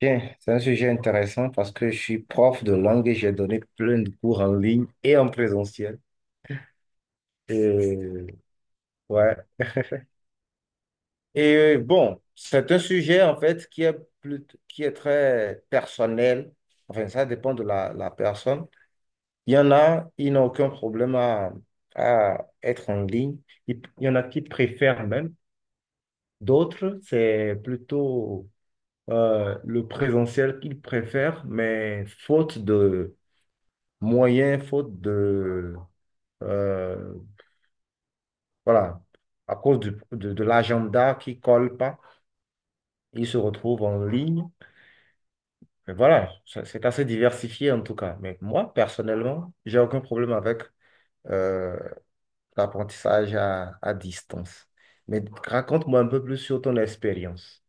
Bien, c'est un sujet intéressant parce que je suis prof de langue et j'ai donné plein de cours en ligne et en présentiel. Et, ouais. Et bon, c'est un sujet en fait qui est, plus, qui est très personnel. Enfin, ça dépend de la personne. Il y en a, ils n'ont aucun problème à être en ligne. Il y en a qui préfèrent même. D'autres, c'est plutôt le présentiel qu'ils préfèrent, mais faute de moyen, faute de... euh, voilà, à cause de l'agenda qui colle pas, ils se retrouvent en ligne. Mais voilà, ça- c'est assez diversifié en tout cas. Mais moi, personnellement, j'ai aucun problème avec euh, l'apprentissage à distance. Mais raconte-moi un peu plus sur ton expérience.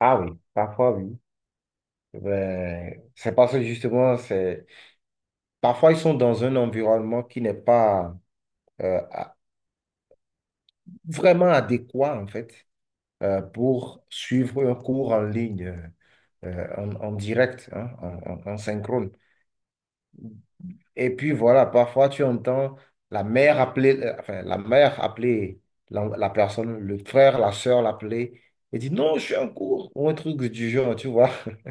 Ah oui, parfois oui. Ben, c'est parce que justement, c'est... Parfois, ils sont dans un environnement qui n'est pas euh, à- vraiment adéquat, en fait. Pour suivre un cours en ligne, en, en direct, hein, en synchrone. Et puis voilà, parfois tu entends la mère appeler, enfin, la mère appeler la personne, le frère, la sœur l'appeler et dit non, je suis en cours, ou un truc du genre, tu vois.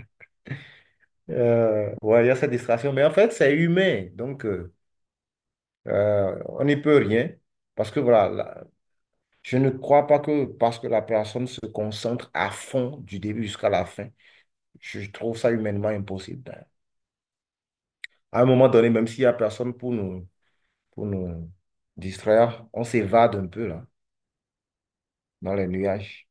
Ouais, il y a cette distraction, mais en fait, c'est humain, donc on n'y peut rien, parce que voilà, je ne crois pas que parce que la personne se concentre à fond du début jusqu'à la fin. Je trouve ça humainement impossible. D'ailleurs. À un moment donné, même s'il n'y a personne pour nous distraire, on s'évade un peu là, dans les nuages.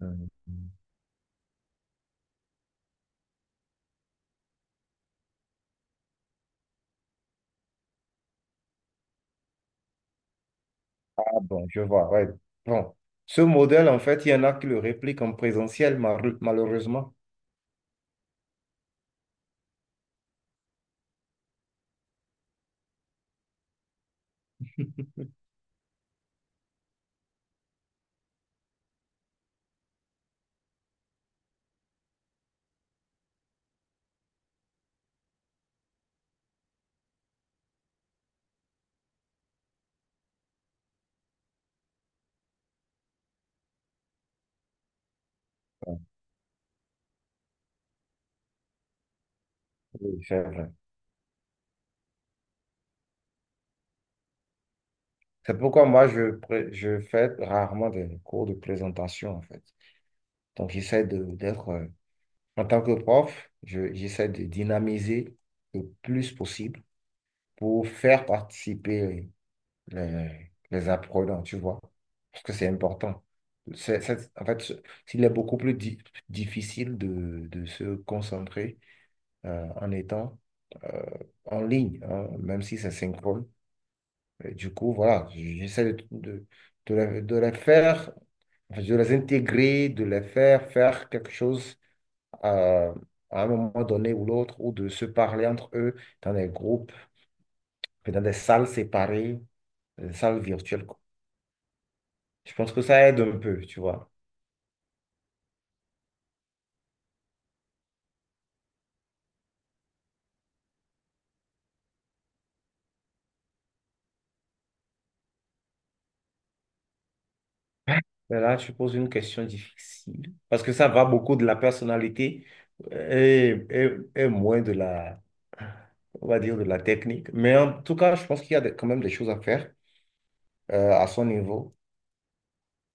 Mhm. Ah bon, je vois, ouais. Bon, ce modèle, en fait, il y en a qui le répliquent en présentiel, malheureusement. Oui, c'est vrai. C'est pourquoi moi, je fais rarement des cours de présentation, en fait. Donc, j'essaie d'être, en tant que prof, j'essaie de dynamiser le plus possible pour faire participer les apprenants, tu vois, parce que c'est important. En fait, il est difficile de se concentrer en étant euh, en ligne, hein, même si c'est synchrone. Et du coup, voilà, de les faire, enfin, de les intégrer, de les faire faire quelque chose euh, à un moment donné ou l'autre, ou de se parler entre eux dans des groupes, dans des salles séparées, des salles virtuelles. Je pense que ça aide un peu, tu vois. Mais là, tu poses une question difficile parce que ça va beaucoup de la personnalité et moins de on va dire, de la technique. Mais en tout cas, je pense qu'il y a quand même des choses à faire à son niveau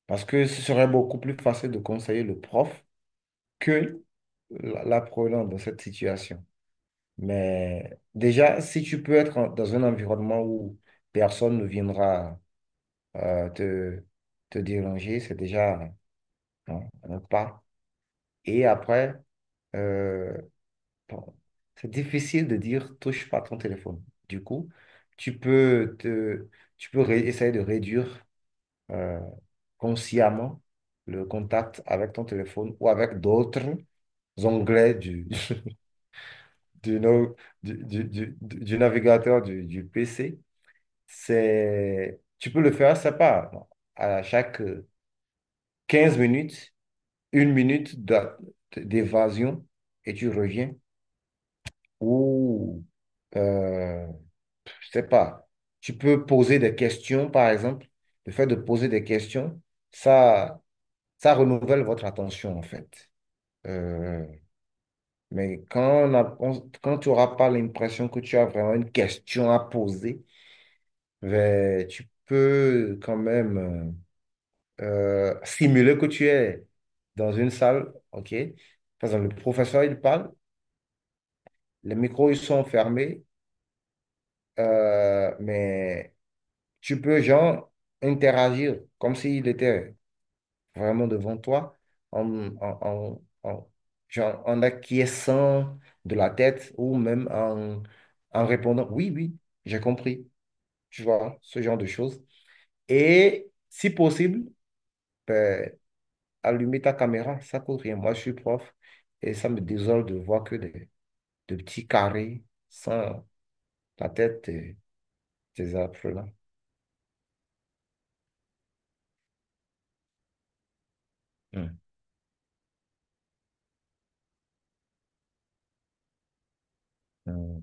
parce que ce serait beaucoup plus facile de conseiller le prof que l'apprenant dans cette situation. Mais déjà, si tu peux être dans un environnement où personne ne viendra euh, te, te déranger, c'est déjà. Non, ne pas. Et après, euh, bon, c'est difficile de dire touche pas ton téléphone. Du coup, tu peux te, tu peux essayer de réduire euh, consciemment le contact avec ton téléphone ou avec d'autres onglets du, no- du navigateur du PC. C'est, tu peux le faire, c'est pas bon, à chaque 15 minutes. Une minute d'évasion et tu reviens. Ou, euh, je sais pas, tu peux poser des questions, par exemple. Le fait de poser des questions, ça, ça renouvelle votre attention, en fait. Euh, mais quand, on a- on- quand tu n'auras pas l'impression que tu as vraiment une question à poser, ben, tu peux quand même simuler que tu es dans une salle, OK? Par exemple, le professeur, il parle. Les micros, ils sont fermés, mais tu peux, genre, interagir comme s'il était vraiment devant toi, en, en, en, en- genre, en acquiesçant de la tête ou même en, en répondant, oui, oui, j'ai compris, tu vois, ce genre de choses. Et si possible, ben, allumer ta caméra, ça coûte rien. Moi, je suis prof et ça me désole de voir que des petits carrés sans la tête des apprenants. Euh,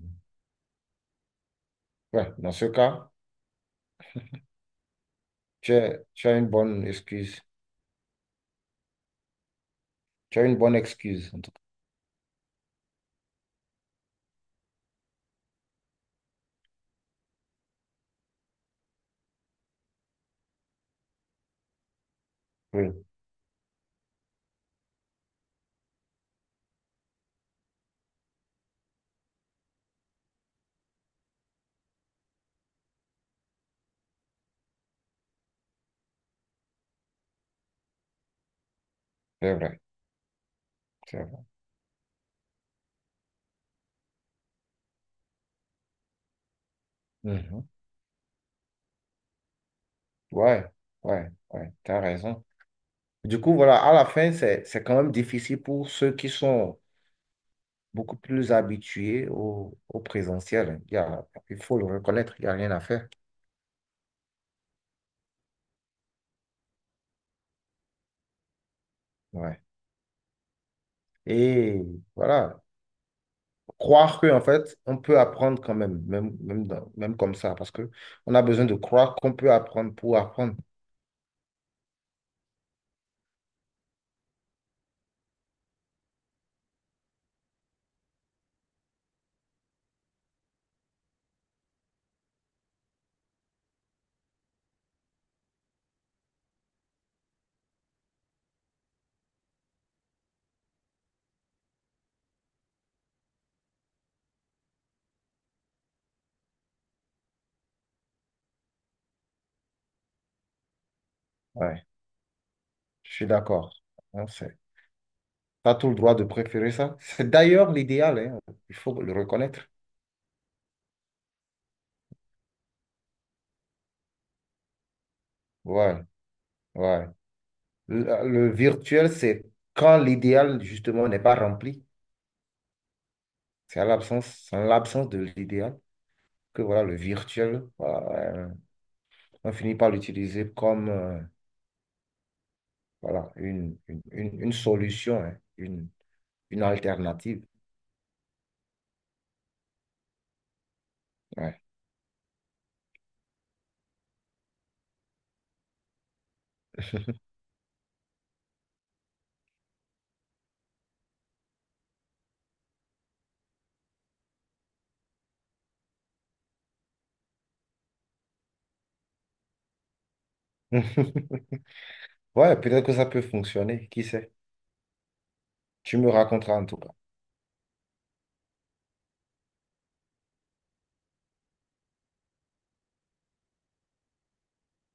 Ouais, dans ce cas, tu as une bonne excuse. Tu as une bonne excuse, en tout cas. Oui, c'est vrai, c'est vrai. Mhm. Ouais, ouais, ouais, tu as raison. Du coup, voilà, à la fin, c'est quand même difficile pour ceux qui sont beaucoup plus habitués au présentiel. Il faut le reconnaître, il n'y a rien à faire. Ouais. Et voilà, croire que, en fait, on peut apprendre quand même, même comme ça, parce que on a besoin de croire qu'on peut apprendre pour apprendre. Ouais, je suis d'accord. Hein, c'est- T'as tout le droit de préférer ça. C'est d'ailleurs l'idéal, hein. Il faut le reconnaître. Ouais, ouais. Le virtuel, c'est quand l'idéal, justement, n'est pas rempli. C'est à l'absence, c'est en l'absence de l'idéal que voilà, le virtuel, voilà, euh, on finit par l'utiliser comme voilà, une solution, hein, une alternative. Ouais. Ouais, peut-être que ça peut fonctionner. Qui sait? Tu me raconteras en tout cas.